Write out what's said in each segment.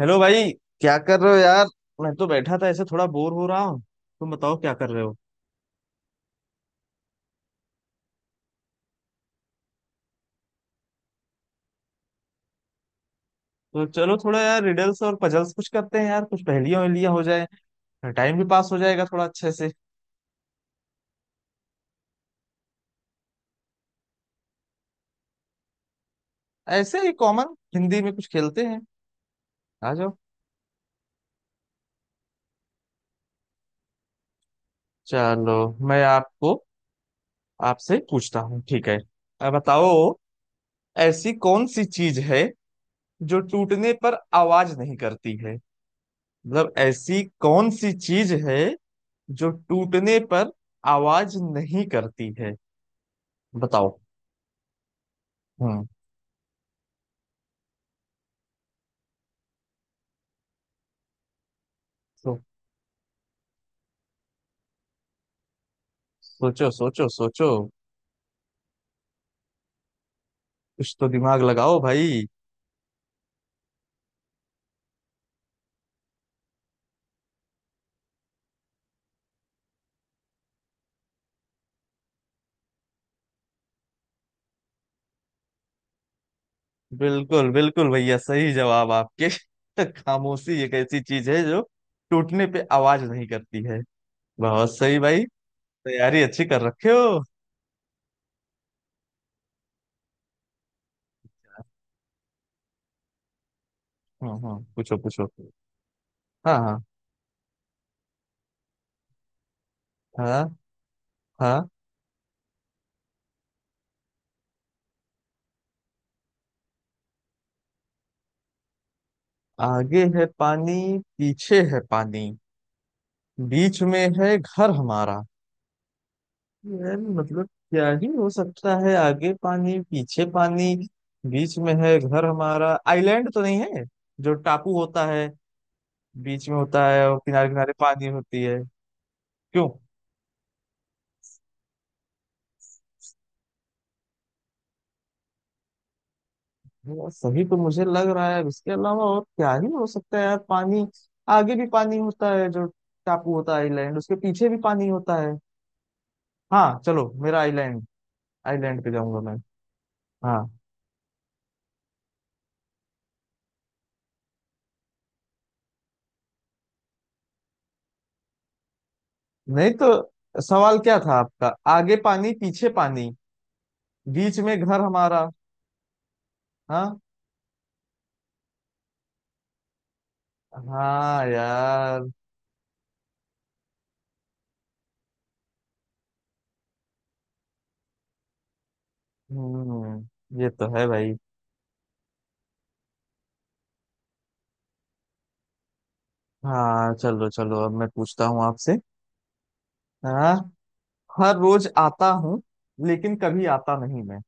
Hello भाई। क्या कर रहे हो यार? मैं तो बैठा था ऐसे, थोड़ा बोर हो रहा हूँ। तुम बताओ क्या कर रहे हो। तो चलो थोड़ा यार, रिडल्स और पजल्स कुछ करते हैं यार, कुछ पहेलियां वहेलियां हो जाए। टाइम भी पास हो जाएगा थोड़ा अच्छे से। ऐसे ही कॉमन हिंदी में कुछ खेलते हैं। आ जाओ। चलो, मैं आपको आपसे पूछता हूँ, ठीक है? अब बताओ, ऐसी कौन सी चीज है जो टूटने पर आवाज नहीं करती है। मतलब ऐसी कौन सी चीज है जो टूटने पर आवाज नहीं करती है? बताओ। हम्म। सो, सोचो सोचो सोचो। कुछ तो दिमाग लगाओ भाई। बिल्कुल बिल्कुल भैया, सही जवाब आपके। खामोशी एक ऐसी चीज है जो टूटने पे आवाज नहीं करती है। बहुत सही भाई। तैयारी अच्छी कर रखे हो। हम्म, पूछो पूछो। हाँ हाँ। हाँ हाँ, आगे है पानी, पीछे है पानी, बीच में है घर हमारा। यार मतलब क्या ही हो सकता है? आगे पानी, पीछे पानी, बीच में है घर हमारा। आइलैंड तो नहीं है, जो टापू होता है, बीच में होता है और किनारे किनारे पानी होती है? क्यों? वो सही तो मुझे लग रहा है। इसके अलावा और क्या ही हो सकता है यार। पानी आगे भी पानी होता है जो, टापू होता है आइलैंड, उसके पीछे भी पानी होता है। हाँ चलो, मेरा आइलैंड, आइलैंड पे जाऊंगा मैं। हाँ नहीं, तो सवाल क्या था आपका? आगे पानी, पीछे पानी, बीच में घर हमारा। हाँ हाँ यार। हम्म, ये तो है भाई। हाँ चलो चलो, अब मैं पूछता हूँ आपसे। हाँ, हर रोज आता हूँ लेकिन कभी आता नहीं मैं।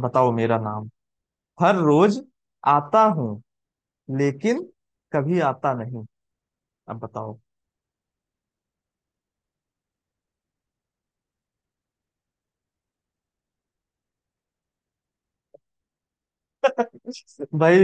बताओ मेरा नाम। हर रोज आता हूँ, लेकिन कभी आता नहीं। अब बताओ। भाई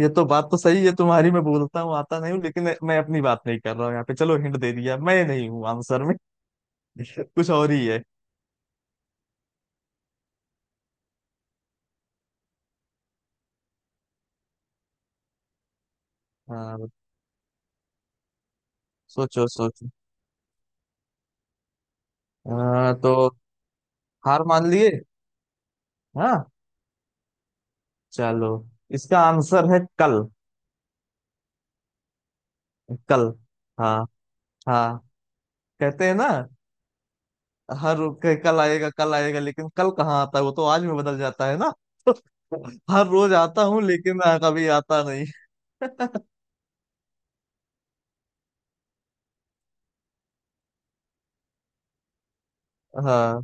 ये तो बात तो सही है तुम्हारी, मैं बोलता हूँ आता नहीं हूँ, लेकिन मैं अपनी बात नहीं कर रहा हूँ यहाँ पे। चलो हिंट दे दिया, मैं नहीं हूँ आंसर में। कुछ और ही है। हाँ, सोचो सोचो। तो हार मान लिए? हाँ चलो, इसका आंसर है कल। कल। हाँ हाँ। कहते हैं ना, हर कल आएगा कल आएगा, लेकिन कल कहाँ आता है? वो तो आज में बदल जाता है ना। तो हर रोज आता हूँ लेकिन कभी आता नहीं। हाँ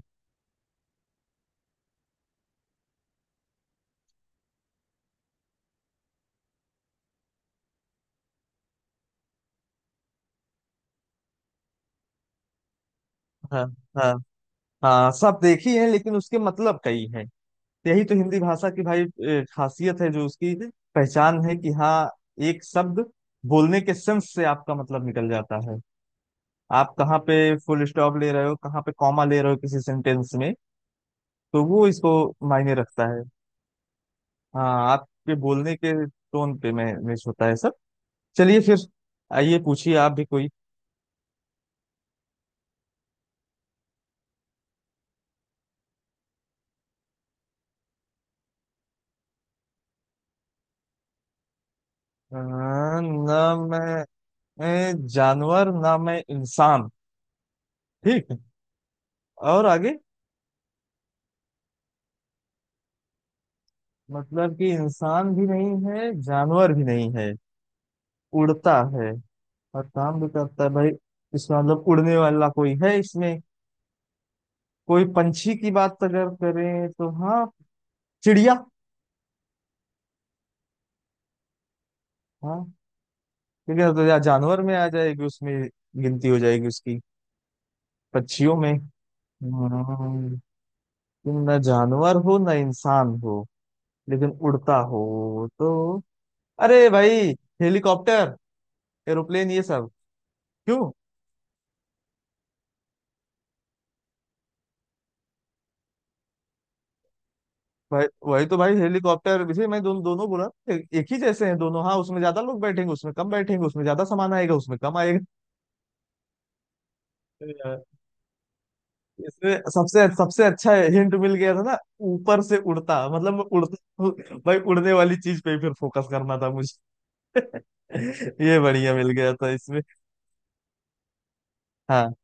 हाँ। हाँ हाँ सब देखी है, लेकिन उसके मतलब कई हैं। यही तो हिंदी भाषा की भाई खासियत है, जो उसकी पहचान है कि हाँ, एक शब्द बोलने के सेंस से आपका मतलब निकल जाता है। आप कहाँ पे फुल स्टॉप ले रहे हो, कहाँ पे कॉमा ले रहे हो किसी सेंटेंस में, तो वो इसको मायने रखता है। हाँ, आपके बोलने के टोन पे मैच होता है सब। चलिए फिर, आइए पूछिए आप भी कोई। ना मैं जानवर ना मैं इंसान। ठीक, और आगे? मतलब कि इंसान भी नहीं है, जानवर भी नहीं है, उड़ता है और काम भी करता है भाई। इसका मतलब उड़ने वाला कोई है इसमें। कोई पंछी की बात अगर करें, तो हाँ चिड़िया। हाँ, क्योंकि अब तो या जानवर में आ जाएगी, उसमें गिनती हो जाएगी उसकी, पक्षियों में। हम्म, तुम न जानवर हो न इंसान हो, लेकिन उड़ता हो, तो अरे भाई हेलीकॉप्टर, एरोप्लेन ये सब। क्यों? भाई वही तो भाई, हेलीकॉप्टर जैसे मैं दोनों दोनों बोला। एक ही जैसे हैं दोनों। हाँ उसमें ज्यादा लोग बैठेंगे, उसमें कम बैठेंगे, उसमें ज्यादा सामान आएगा, उसमें कम आएगा। इसमें सबसे सबसे अच्छा हिंट मिल गया था ना, ऊपर से उड़ता, मतलब मैं उड़ता हूँ। भाई उड़ने वाली चीज पे ही फिर फोकस करना था मुझे। ये बढ़िया मिल गया था इसमें। हाँ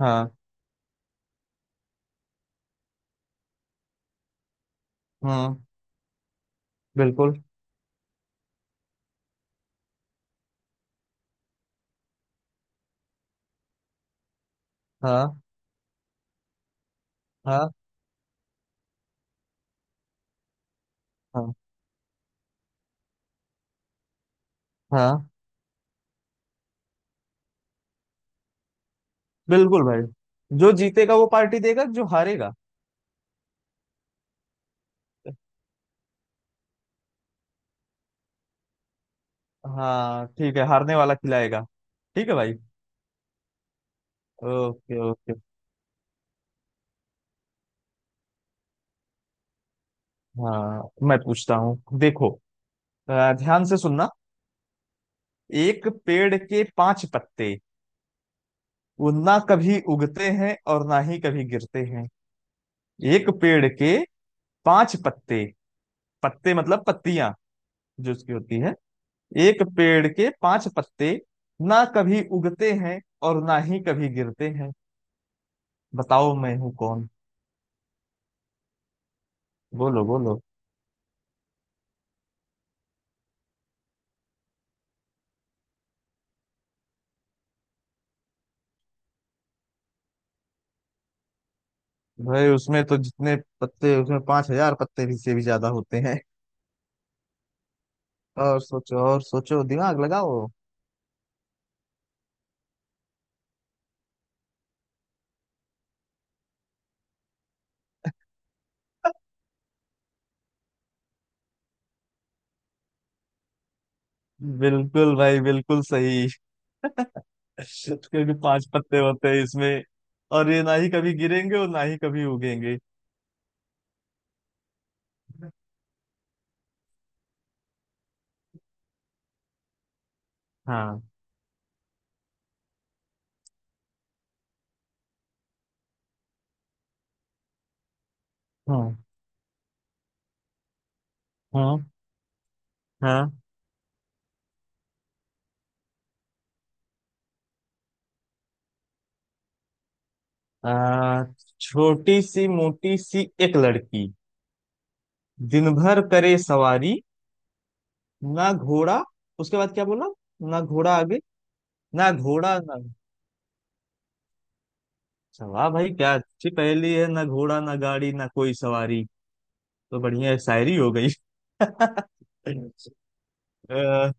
हाँ। हम्म, बिल्कुल। हाँ हाँ। हाँ हाँ बिल्कुल भाई, जो जीतेगा वो पार्टी देगा, जो हारेगा। हाँ ठीक है, हारने वाला खिलाएगा। ठीक है भाई। Okay okay. हाँ मैं पूछता हूँ, देखो, ध्यान से सुनना। एक पेड़ के पांच पत्ते, वो ना कभी उगते हैं और ना ही कभी गिरते हैं। एक पेड़ के पांच पत्ते। पत्ते मतलब पत्तियां, जो उसकी होती है। एक पेड़ के पांच पत्ते, ना कभी उगते हैं और ना ही कभी गिरते हैं। बताओ मैं हूं कौन। बोलो बोलो। भाई उसमें तो जितने पत्ते, उसमें 5,000 पत्ते भी से भी ज्यादा होते हैं। और सोचो और सोचो, दिमाग लगाओ। बिल्कुल भाई बिल्कुल सही। क्योंकि पांच पत्ते होते हैं इसमें, और ये ना ही कभी गिरेंगे और ना ही कभी उगेंगे। हाँ हाँ। हाँ हाँ। आ, छोटी सी मोटी सी एक लड़की, दिन भर करे सवारी, ना घोड़ा। उसके बाद क्या बोला? ना घोड़ा, आगे? ना घोड़ा ना। अच्छा, वाह भाई क्या अच्छी पहेली है, ना घोड़ा ना गाड़ी ना कोई सवारी, तो बढ़िया शायरी हो गई। अ,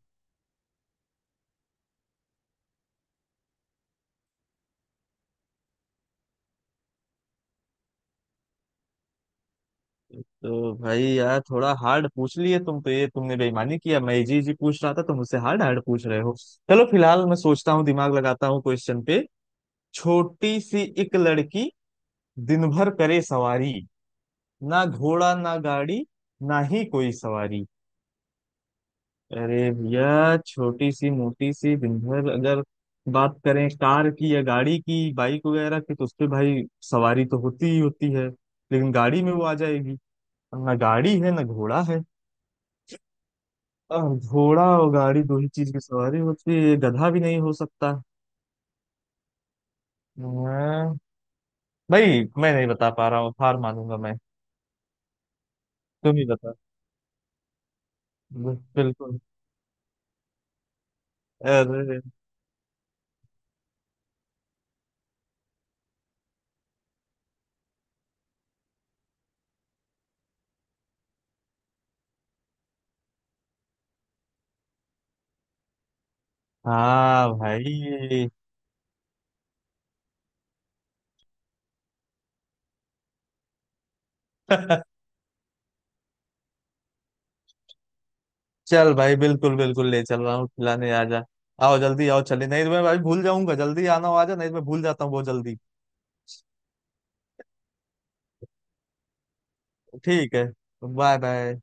तो भाई यार, थोड़ा हार्ड पूछ लिए तुम तो, ये तुमने बेईमानी किया। मैं इजी इजी पूछ रहा था, तुम मुझसे हार्ड हार्ड पूछ रहे हो। चलो फिलहाल मैं सोचता हूँ, दिमाग लगाता हूँ क्वेश्चन पे। छोटी सी एक लड़की, दिन भर करे सवारी, ना घोड़ा ना गाड़ी, ना ही कोई सवारी। अरे भैया, छोटी सी मोटी सी दिन भर, अगर बात करें कार की या गाड़ी की, बाइक वगैरह की, तो उस पे भाई सवारी तो होती ही होती है, लेकिन गाड़ी में वो आ जाएगी। ना गाड़ी है ना घोड़ा है। अब घोड़ा और गाड़ी दो ही चीज की सवारी होती है, ये गधा भी नहीं हो सकता। हाँ, भाई मैं नहीं बता पा रहा हूँ, हार मानूंगा मैं। तुम ही बता। बिल्कुल, अरे हाँ भाई। चल भाई, बिल्कुल बिल्कुल ले चल रहा हूँ खिलाने, आ जा। आओ जल्दी आओ, चले नहीं तो मैं भाई भूल जाऊंगा, जल्दी आना, हो आ जा नहीं तो मैं भूल जाता हूँ बहुत जल्दी। ठीक है। Bye bye.